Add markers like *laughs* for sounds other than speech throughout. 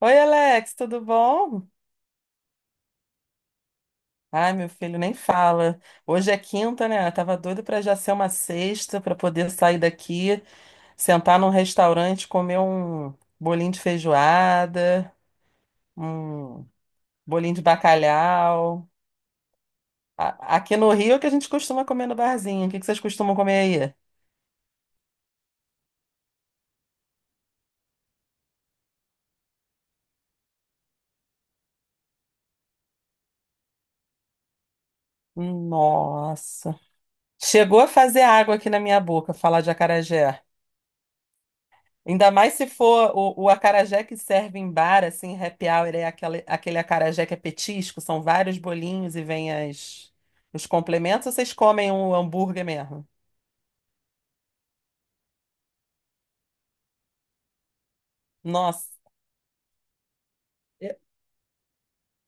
Oi, Alex, tudo bom? Ai, meu filho, nem fala. Hoje é quinta, né? Eu tava doida pra já ser uma sexta, pra poder sair daqui, sentar num restaurante, comer um bolinho de feijoada, um bolinho de bacalhau. Aqui no Rio é o que a gente costuma comer no barzinho. O que que vocês costumam comer aí? Nossa. Chegou a fazer água aqui na minha boca, falar de acarajé. Ainda mais se for o acarajé que serve em bar, assim, happy hour, é aquele, aquele acarajé que é petisco, são vários bolinhos e vem os complementos, ou vocês comem o hambúrguer mesmo? Nossa, é,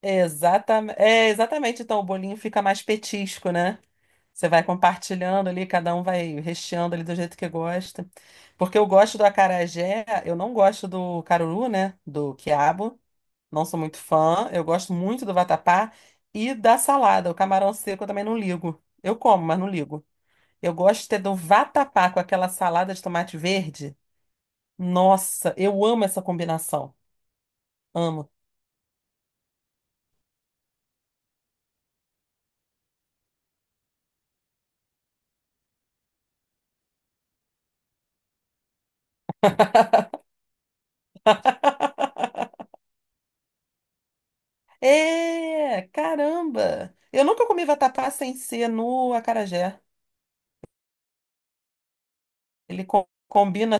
é, exatamente, então o bolinho fica mais petisco, né? Você vai compartilhando ali, cada um vai recheando ali do jeito que gosta. Porque eu gosto do acarajé, eu não gosto do caruru, né? Do quiabo. Não sou muito fã. Eu gosto muito do vatapá e da salada. O camarão seco eu também não ligo. Eu como, mas não ligo. Eu gosto de ter do vatapá com aquela salada de tomate verde. Nossa, eu amo essa combinação. Amo. É, caramba! Eu nunca comi vatapá sem ser no acarajé. Combina.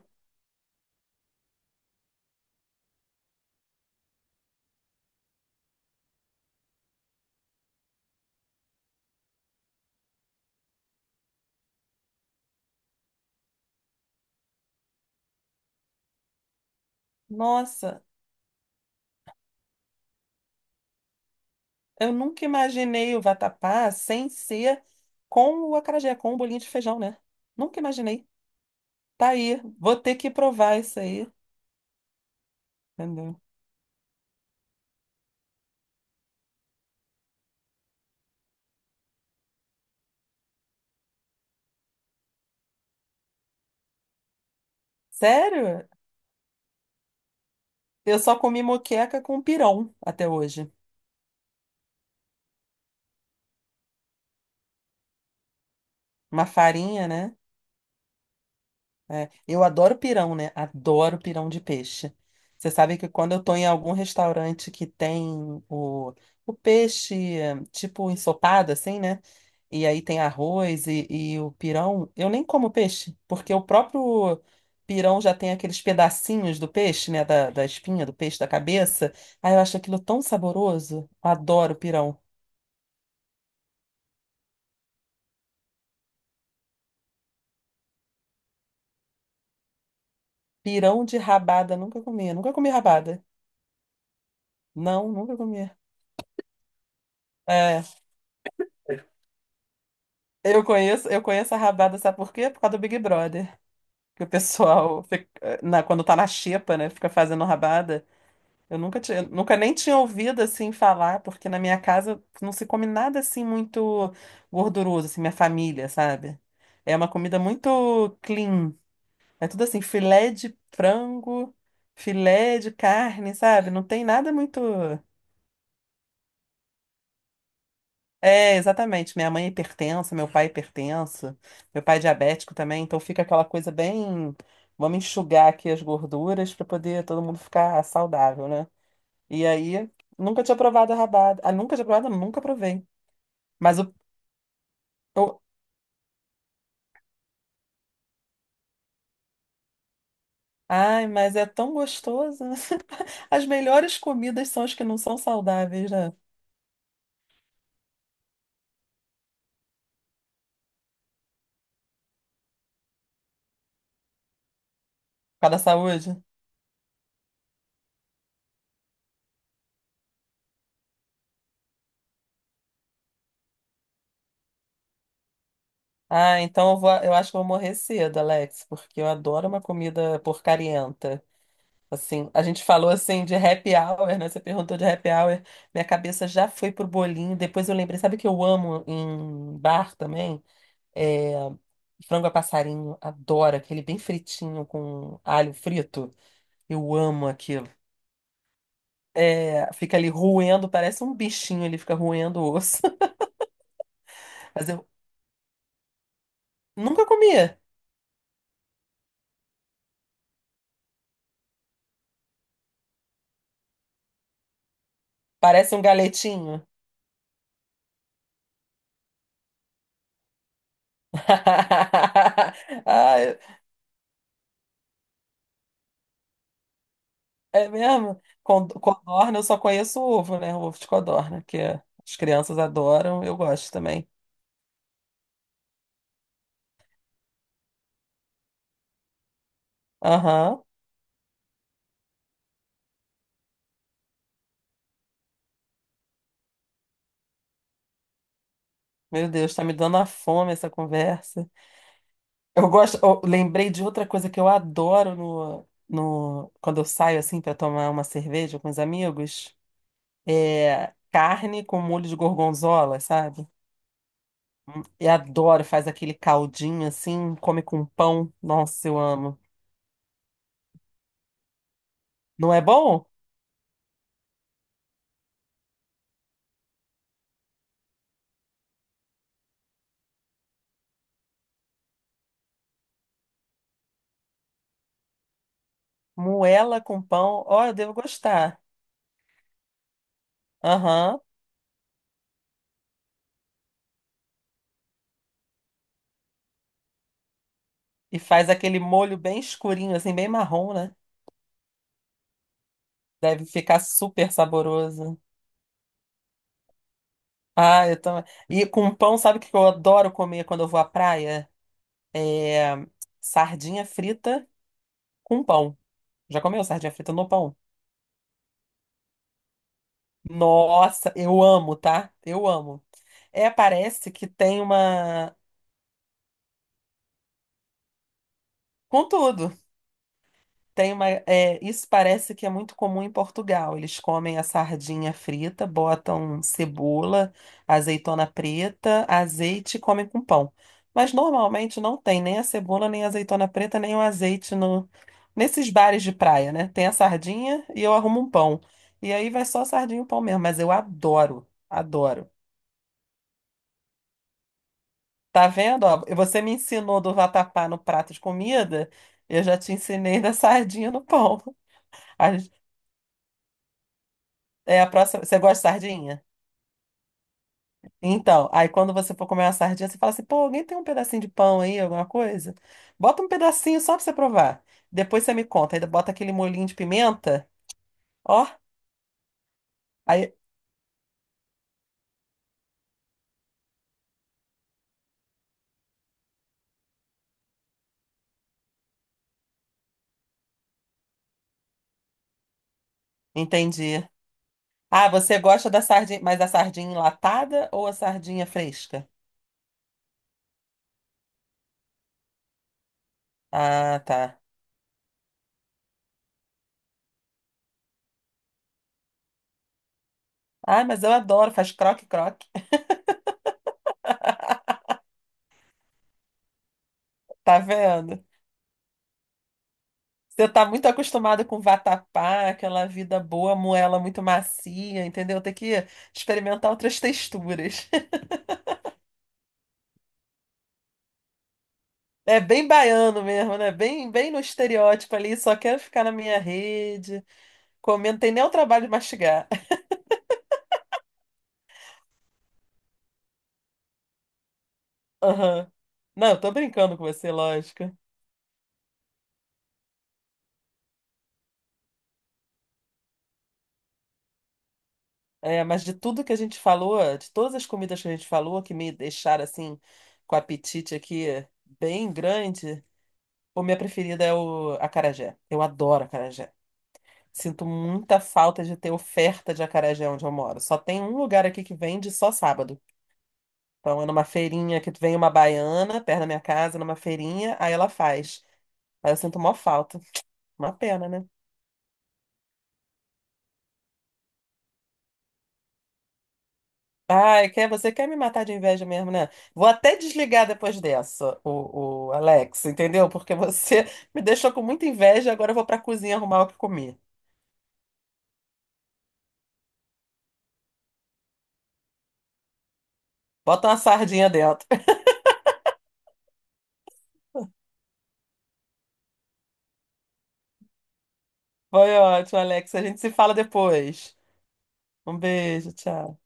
Nossa, eu nunca imaginei o vatapá sem ser com o acarajé, com o bolinho de feijão, né? Nunca imaginei. Tá aí, vou ter que provar isso aí. Entendeu? Sério? Eu só comi moqueca com pirão até hoje. Uma farinha, né? É, eu adoro pirão, né? Adoro pirão de peixe. Você sabe que quando eu tô em algum restaurante que tem o peixe, tipo ensopado, assim, né? E aí tem arroz e o pirão, eu nem como peixe, porque o próprio pirão já tem aqueles pedacinhos do peixe, né? Da espinha do peixe, da cabeça. Aí eu acho aquilo tão saboroso. Eu adoro pirão. Pirão de rabada, nunca comi. Nunca comi rabada. Não, nunca comi. É, eu conheço a rabada, sabe por quê? Por causa do Big Brother. Que o pessoal, fica- na- quando tá na xepa, né, fica fazendo rabada. Eu nunca tinha, nunca nem tinha ouvido assim falar, porque na minha casa não se come nada assim muito gorduroso, assim, minha família, sabe? É uma comida muito clean. É tudo assim, filé de frango, filé de carne, sabe? Não tem nada muito. É, exatamente. Minha mãe é hipertensa, meu pai é hipertenso, meu pai é diabético também, então fica aquela coisa bem. Vamos enxugar aqui as gorduras para poder todo mundo ficar saudável, né? E aí, nunca tinha provado a rabada. Ah, nunca tinha provado, nunca provei. Mas o. o- Ai, mas é tão gostoso. *laughs* As melhores comidas são as que não são saudáveis, né? Por causa da saúde. Ah, então eu vou, eu acho que eu vou morrer cedo, Alex, porque eu adoro uma comida porcarienta. Assim, a gente falou assim de happy hour, né? Você perguntou de happy hour. Minha cabeça já foi pro bolinho. Depois eu lembrei, sabe o que eu amo em bar também? É, frango a passarinho. Adoro aquele bem fritinho com alho frito. Eu amo aquilo. É, fica ali roendo, parece um bichinho, ele fica roendo o osso. *laughs* Mas eu nunca comia. Parece um galetinho. *laughs* Ah, é mesmo? Codorna, eu só conheço o ovo, né? O ovo de codorna, que é, as crianças adoram, eu gosto também. Aham. Meu Deus, tá me dando a fome essa conversa. Eu gosto, eu lembrei de outra coisa que eu adoro no, no, quando eu saio assim para tomar uma cerveja com os amigos, é carne com molho de gorgonzola, sabe? Eu adoro, faz aquele caldinho assim, come com pão. Nossa, eu amo. Não é bom? Moela com pão, ó, eu devo gostar. Aham. E faz aquele molho bem escurinho, assim, bem marrom, né? Deve ficar super saboroso. Ah, eu também. E com pão, sabe o que eu adoro comer quando eu vou à praia? É sardinha frita com pão. Já comeu sardinha frita no pão? Nossa, eu amo, tá? Eu amo. É, parece que tem uma. Com tudo. Tem uma, é, isso parece que é muito comum em Portugal. Eles comem a sardinha frita, botam cebola, azeitona preta, azeite e comem com pão. Mas normalmente não tem nem a cebola, nem a azeitona preta, nem o azeite no, nesses bares de praia, né? Tem a sardinha e eu arrumo um pão. E aí vai só sardinha e o pão mesmo. Mas eu adoro, adoro. Tá vendo? Ó, você me ensinou do vatapá no prato de comida, eu já te ensinei da *laughs* sardinha no pão. *laughs* É a próxima. Você gosta de sardinha? Então, aí quando você for comer uma sardinha, você fala assim: pô, alguém tem um pedacinho de pão aí, alguma coisa? Bota um pedacinho só pra você provar. Depois você me conta. Aí bota aquele molhinho de pimenta. Ó, aí. Entendi. Ah, você gosta da sardinha, mas da sardinha enlatada ou a sardinha fresca? Ah, tá. Ah, mas eu adoro, faz croque-croque. *laughs* Tá vendo? Você tá muito acostumado com vatapá, aquela vida boa, moela muito macia, entendeu? Tem que experimentar outras texturas. É bem baiano mesmo, né? Bem, bem no estereótipo ali, só quero ficar na minha rede, comendo, tem nem o trabalho de mastigar. *laughs* Aham. Não, eu tô brincando com você, lógico. É, mas de tudo que a gente falou, de todas as comidas que a gente falou, que me deixaram assim, com o apetite aqui bem grande, o minha preferida é o acarajé. Eu adoro acarajé. Sinto muita falta de ter oferta de acarajé onde eu moro. Só tem um lugar aqui que vende só sábado. Então, é numa feirinha que vem uma baiana perto da minha casa, numa feirinha, aí ela faz. Aí eu sinto mó falta. Uma pena, né? Ai, quer, você quer me matar de inveja mesmo, né? Vou até desligar depois dessa, o Alex, entendeu? Porque você *laughs* me deixou com muita inveja agora eu vou pra cozinha arrumar o que comer. Bota uma sardinha dentro. *laughs* Foi ótimo, Alex. A gente se fala depois. Um beijo, tchau.